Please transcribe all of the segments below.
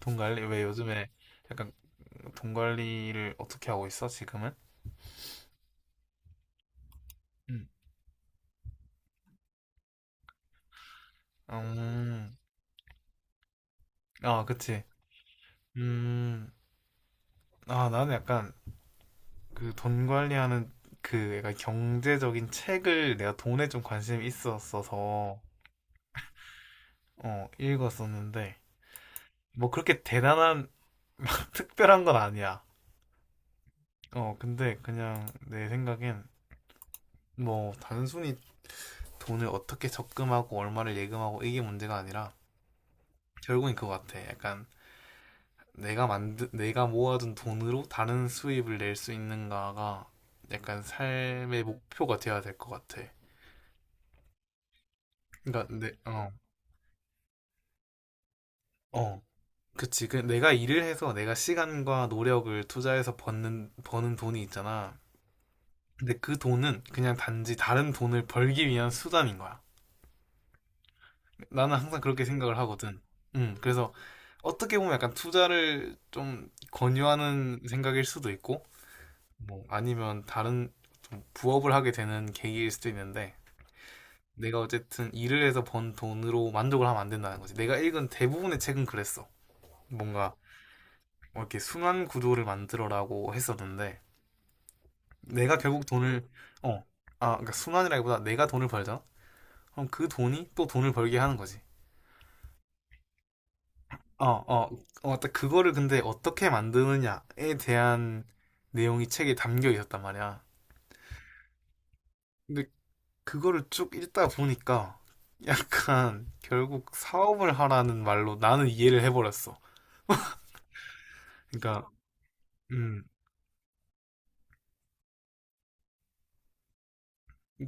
돈 관리 왜 요즘에 약간 돈 관리를 어떻게 하고 있어 지금은? 응. 음, 아 그치. 음, 아 나는 약간 그 돈 관리하는 그 약간 경제적인 책을 내가 돈에 좀 관심이 있었어서 읽었었는데 뭐 그렇게 대단한 막 특별한 건 아니야. 근데 그냥 내 생각엔 뭐 단순히 돈을 어떻게 적금하고 얼마를 예금하고 이게 문제가 아니라 결국엔 그거 같아. 약간 내가 모아둔 돈으로 다른 수입을 낼 수 있는가가 약간 삶의 목표가 돼야 될 것 같아. 그러니까 내 어. 어. 그치. 그 내가 일을 해서 내가 시간과 노력을 투자해서 버는 돈이 있잖아. 근데 그 돈은 그냥 단지 다른 돈을 벌기 위한 수단인 거야. 나는 항상 그렇게 생각을 하거든. 음. 그래서 어떻게 보면 약간 투자를 좀 권유하는 생각일 수도 있고 뭐 아니면 다른 좀 부업을 하게 되는 계기일 수도 있는데 내가 어쨌든 일을 해서 번 돈으로 만족을 하면 안 된다는 거지. 내가 읽은 대부분의 책은 그랬어. 뭔가 뭐 이렇게 순환 구조를 만들어라고 했었는데 내가 결국 돈을 어, 아, 그러니까 순환이라기보다 내가 돈을 벌잖아. 그럼 그 돈이 또 돈을 벌게 하는 거지. 어, 어, 어, 딱 그거를 근데 어떻게 만드느냐에 대한 내용이 책에 담겨 있었단 말이야. 근데 그거를 쭉 읽다 보니까 약간 결국 사업을 하라는 말로 나는 이해를 해버렸어. 그러니까, 음,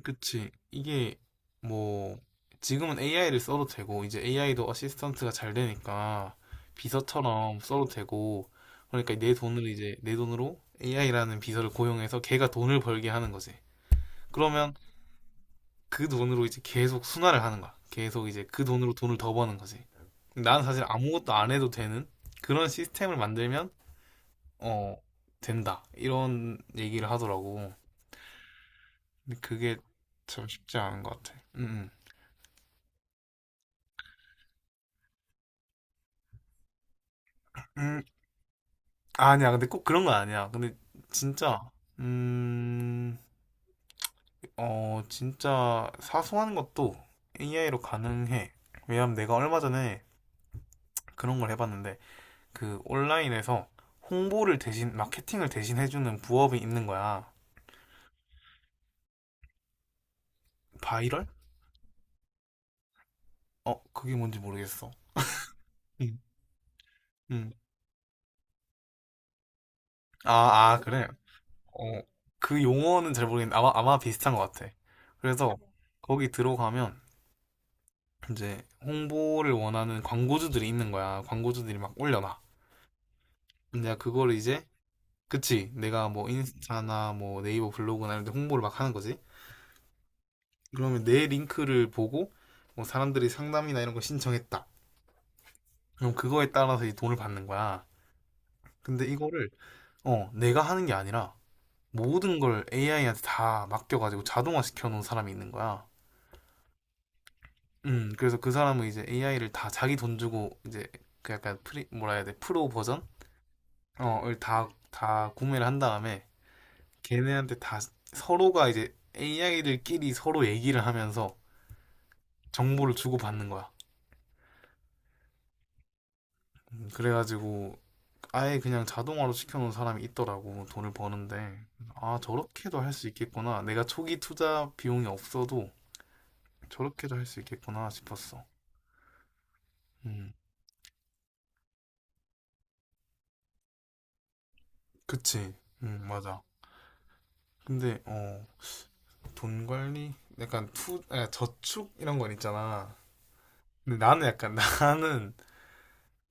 그치. 이게 뭐, 지금은 AI를 써도 되고, 이제 AI도 어시스턴트가 잘 되니까 비서처럼 써도 되고, 그러니까 내 돈을 이제, 내 돈으로 AI라는 비서를 고용해서 걔가 돈을 벌게 하는 거지. 그러면 그 돈으로 이제 계속 순환을 하는 거야. 계속 이제 그 돈으로 돈을 더 버는 거지. 나는 사실 아무것도 안 해도 되는 그런 시스템을 만들면 어 된다 이런 얘기를 하더라고. 근데 그게 참 쉽지 않은 것 같아. 음, 아니야. 근데 꼭 그런 건 아니야. 근데 진짜 음, 어 진짜 사소한 것도 AI로 가능해. 왜냐면 내가 얼마 전에 그런 걸 해봤는데 그 온라인에서 홍보를 대신 마케팅을 대신 해주는 부업이 있는 거야. 바이럴? 그게 뭔지 모르겠어. 응. 응. 아, 아 그래. 어 그 용어는 잘 모르겠는데 아마 비슷한 것 같아. 그래서 거기 들어가면 이제 홍보를 원하는 광고주들이 있는 거야. 광고주들이 막 올려놔. 내가 그거를 이제 그치, 내가 뭐 인스타나 뭐 네이버 블로그나 이런 데 홍보를 막 하는 거지. 그러면 내 링크를 보고 뭐 사람들이 상담이나 이런 거 신청했다. 그럼 그거에 따라서 이 돈을 받는 거야. 근데 이거를 내가 하는 게 아니라 모든 걸 AI한테 다 맡겨가지고 자동화 시켜놓은 사람이 있는 거야. 그래서 그 사람은 이제 AI를 다 자기 돈 주고 이제 그 약간 프리 뭐라 해야 돼, 프로 버전 어을 다 구매를 한 다음에 걔네한테 다 서로가 이제 AI들끼리 서로 얘기를 하면서 정보를 주고받는 거야. 그래가지고 아예 그냥 자동화로 시켜놓은 사람이 있더라고, 돈을 버는데. 아, 저렇게도 할 수 있겠구나, 내가 초기 투자 비용이 없어도 저렇게도 할 수 있겠구나 싶었어. 음 그치 맞아. 근데 어 돈 관리 약간 투, 아, 저축 이런 건 있잖아. 근데 나는 약간 나는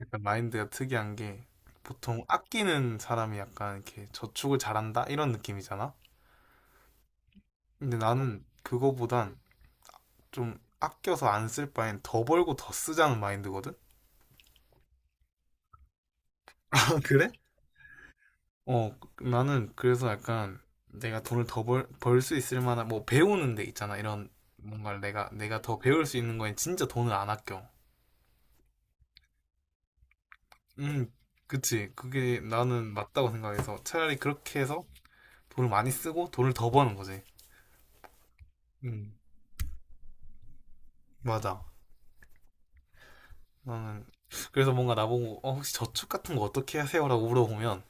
약간 마인드가 특이한 게, 보통 아끼는 사람이 약간 이렇게 저축을 잘한다, 이런 느낌이잖아. 근데 나는 그거보단 좀 아껴서 안 쓸 바엔 더 벌고 더 쓰자는 마인드거든? 아, 그래? 어, 나는 그래서 약간 내가 돈을 더 벌 수 있을 만한, 뭐 배우는 데 있잖아. 이런 뭔가를 내가 더 배울 수 있는 거엔 진짜 돈을 안 아껴. 음, 그치. 그게 나는 맞다고 생각해서 차라리 그렇게 해서 돈을 많이 쓰고 돈을 더 버는 거지. 음, 맞아. 나는, 그래서 뭔가 나보고, 어, 혹시 저축 같은 거 어떻게 하세요? 라고 물어보면,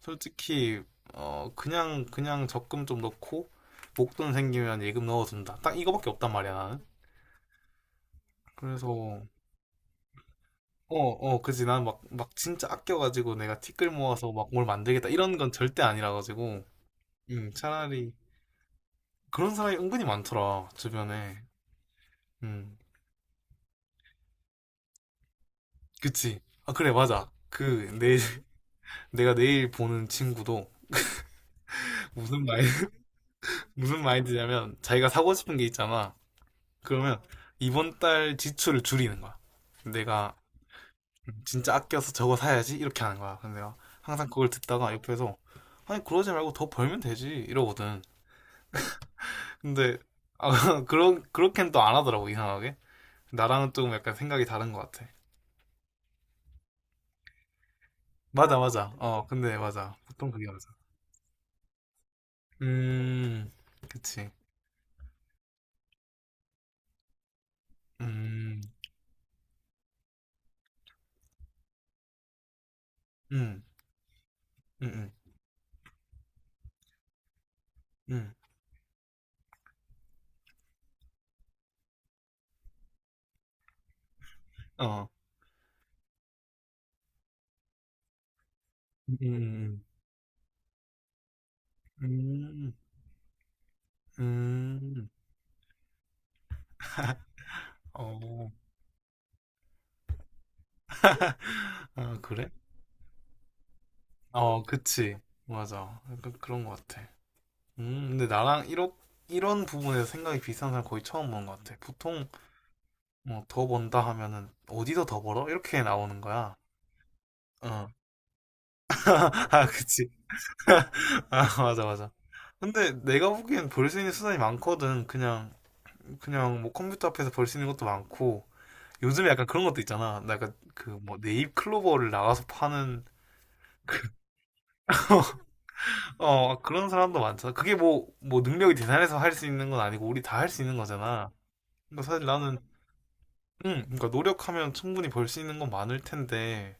솔직히 그냥 적금 좀 넣고 목돈 생기면 예금 넣어둔다. 딱 이거밖에 없단 말이야 나는. 그래서 그지. 난 막 진짜 아껴가지고 내가 티끌 모아서 막 뭘 만들겠다 이런 건 절대 아니라 가지고. 차라리 그런 사람이 은근히 많더라, 주변에. 음 그치. 아 그래 맞아, 그 내 내가 내일 보는 친구도 무슨 마인 무슨 마인드냐면 자기가 사고 싶은 게 있잖아, 그러면 이번 달 지출을 줄이는 거야. 내가 진짜 아껴서 저거 사야지 이렇게 하는 거야. 근데 내가 항상 그걸 듣다가 옆에서 아니 그러지 말고 더 벌면 되지 이러거든. 근데 아, 그런 그렇게는 또 안 하더라고, 이상하게. 나랑은 조금 약간 생각이 다른 것 같아. 맞아. 어 근데 맞아. 보통 그게 맞아. 음 그치. 음 음 음 음 음 어. 음, 음, 음, 음, 음, 어, 아, 그래? 어, 그치. 맞아. 약간 그런 것 같아. 근데 나랑 이런 부분에서 생각이 비슷한 사람 거의 처음 보는 것 같아. 보통, 뭐, 더 번다 하면은, 어디서 더 벌어? 이렇게 나오는 거야. 어. 아, 그치. 아, 맞아, 맞아. 근데 내가 보기엔 벌 수 있는 수단이 많거든. 그냥, 뭐 컴퓨터 앞에서 벌 수 있는 것도 많고. 요즘에 약간 그런 것도 있잖아. 나 약간 그 뭐 네잎 클로버를 나가서 파는 어 그런 사람도 많잖아. 그게 뭐 뭐 능력이 대단해서 할 수 있는 건 아니고 우리 다 할 수 있는 거잖아. 근데 사실 나는 응, 그러니까 노력하면 충분히 벌 수 있는 건 많을 텐데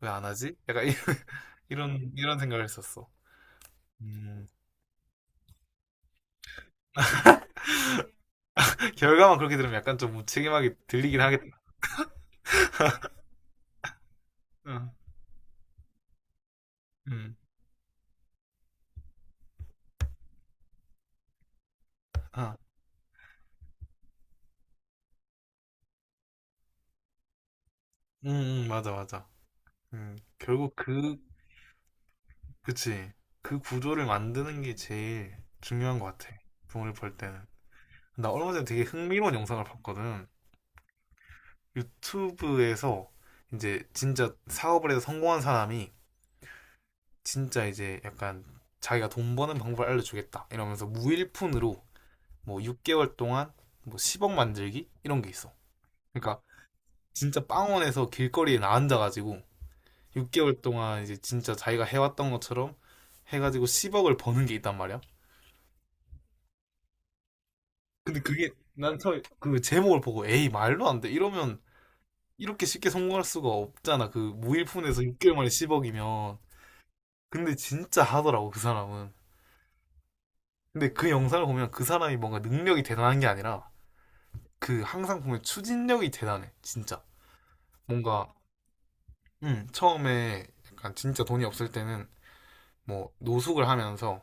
왜 안 하지? 약간 이런 생각을 했었어. 음. 결과만 그렇게 들으면 약간 좀 무책임하게 들리긴 하겠다. 응, 응, 아, 응, 응, 맞아, 맞아. 결국 그, 그치. 그 구조를 만드는 게 제일 중요한 것 같아. 돈을 벌 때는. 나 얼마 전에 되게 흥미로운 영상을 봤거든. 유튜브에서 이제 진짜 사업을 해서 성공한 사람이 진짜 이제 약간 자기가 돈 버는 방법을 알려주겠다 이러면서 무일푼으로 뭐 6개월 동안 뭐 10억 만들기 이런 게 있어. 그러니까 진짜 빵원에서 길거리에 나 앉아가지고 6개월 동안 이제 진짜 자기가 해왔던 것처럼 해가지고 10억을 버는 게 있단 말이야. 근데 그게 난 처음에 그 제목을 보고 에이 말도 안 돼 이러면 이렇게 쉽게 성공할 수가 없잖아. 그 무일푼에서 6개월 만에 10억이면. 근데 진짜 하더라고 그 사람은. 근데 그 영상을 보면 그 사람이 뭔가 능력이 대단한 게 아니라 그 항상 보면 추진력이 대단해 진짜. 뭔가 처음에 약간 진짜 돈이 없을 때는 뭐 노숙을 하면서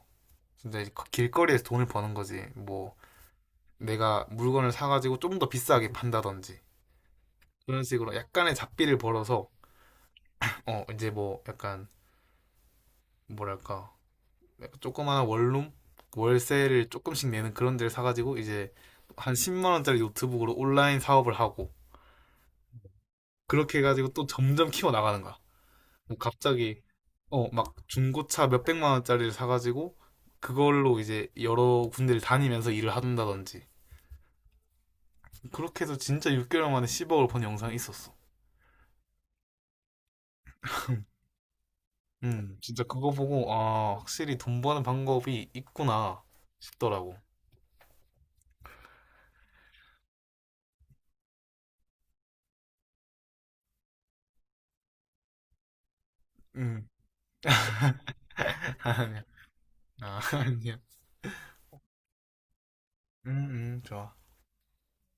진짜 이제 길거리에서 돈을 버는 거지, 뭐 내가 물건을 사가지고 좀 더 비싸게 판다든지 그런 식으로 약간의 잡비를 벌어서 어 이제 뭐 약간 뭐랄까 조그마한 원룸 월세를 조금씩 내는 그런 데를 사가지고 이제 한 10만 원짜리 노트북으로 온라인 사업을 하고 그렇게 해가지고 또 점점 키워 나가는 거야. 뭐 갑자기 막 중고차 몇백만 원짜리를 사가지고 그걸로 이제 여러 군데를 다니면서 일을 한다든지 그렇게 해서 진짜 6개월 만에 10억을 번 영상이 있었어. 진짜 그거 보고 아 확실히 돈 버는 방법이 있구나 싶더라고. 음, 아니야, 아, 아니야. 음, 좋아.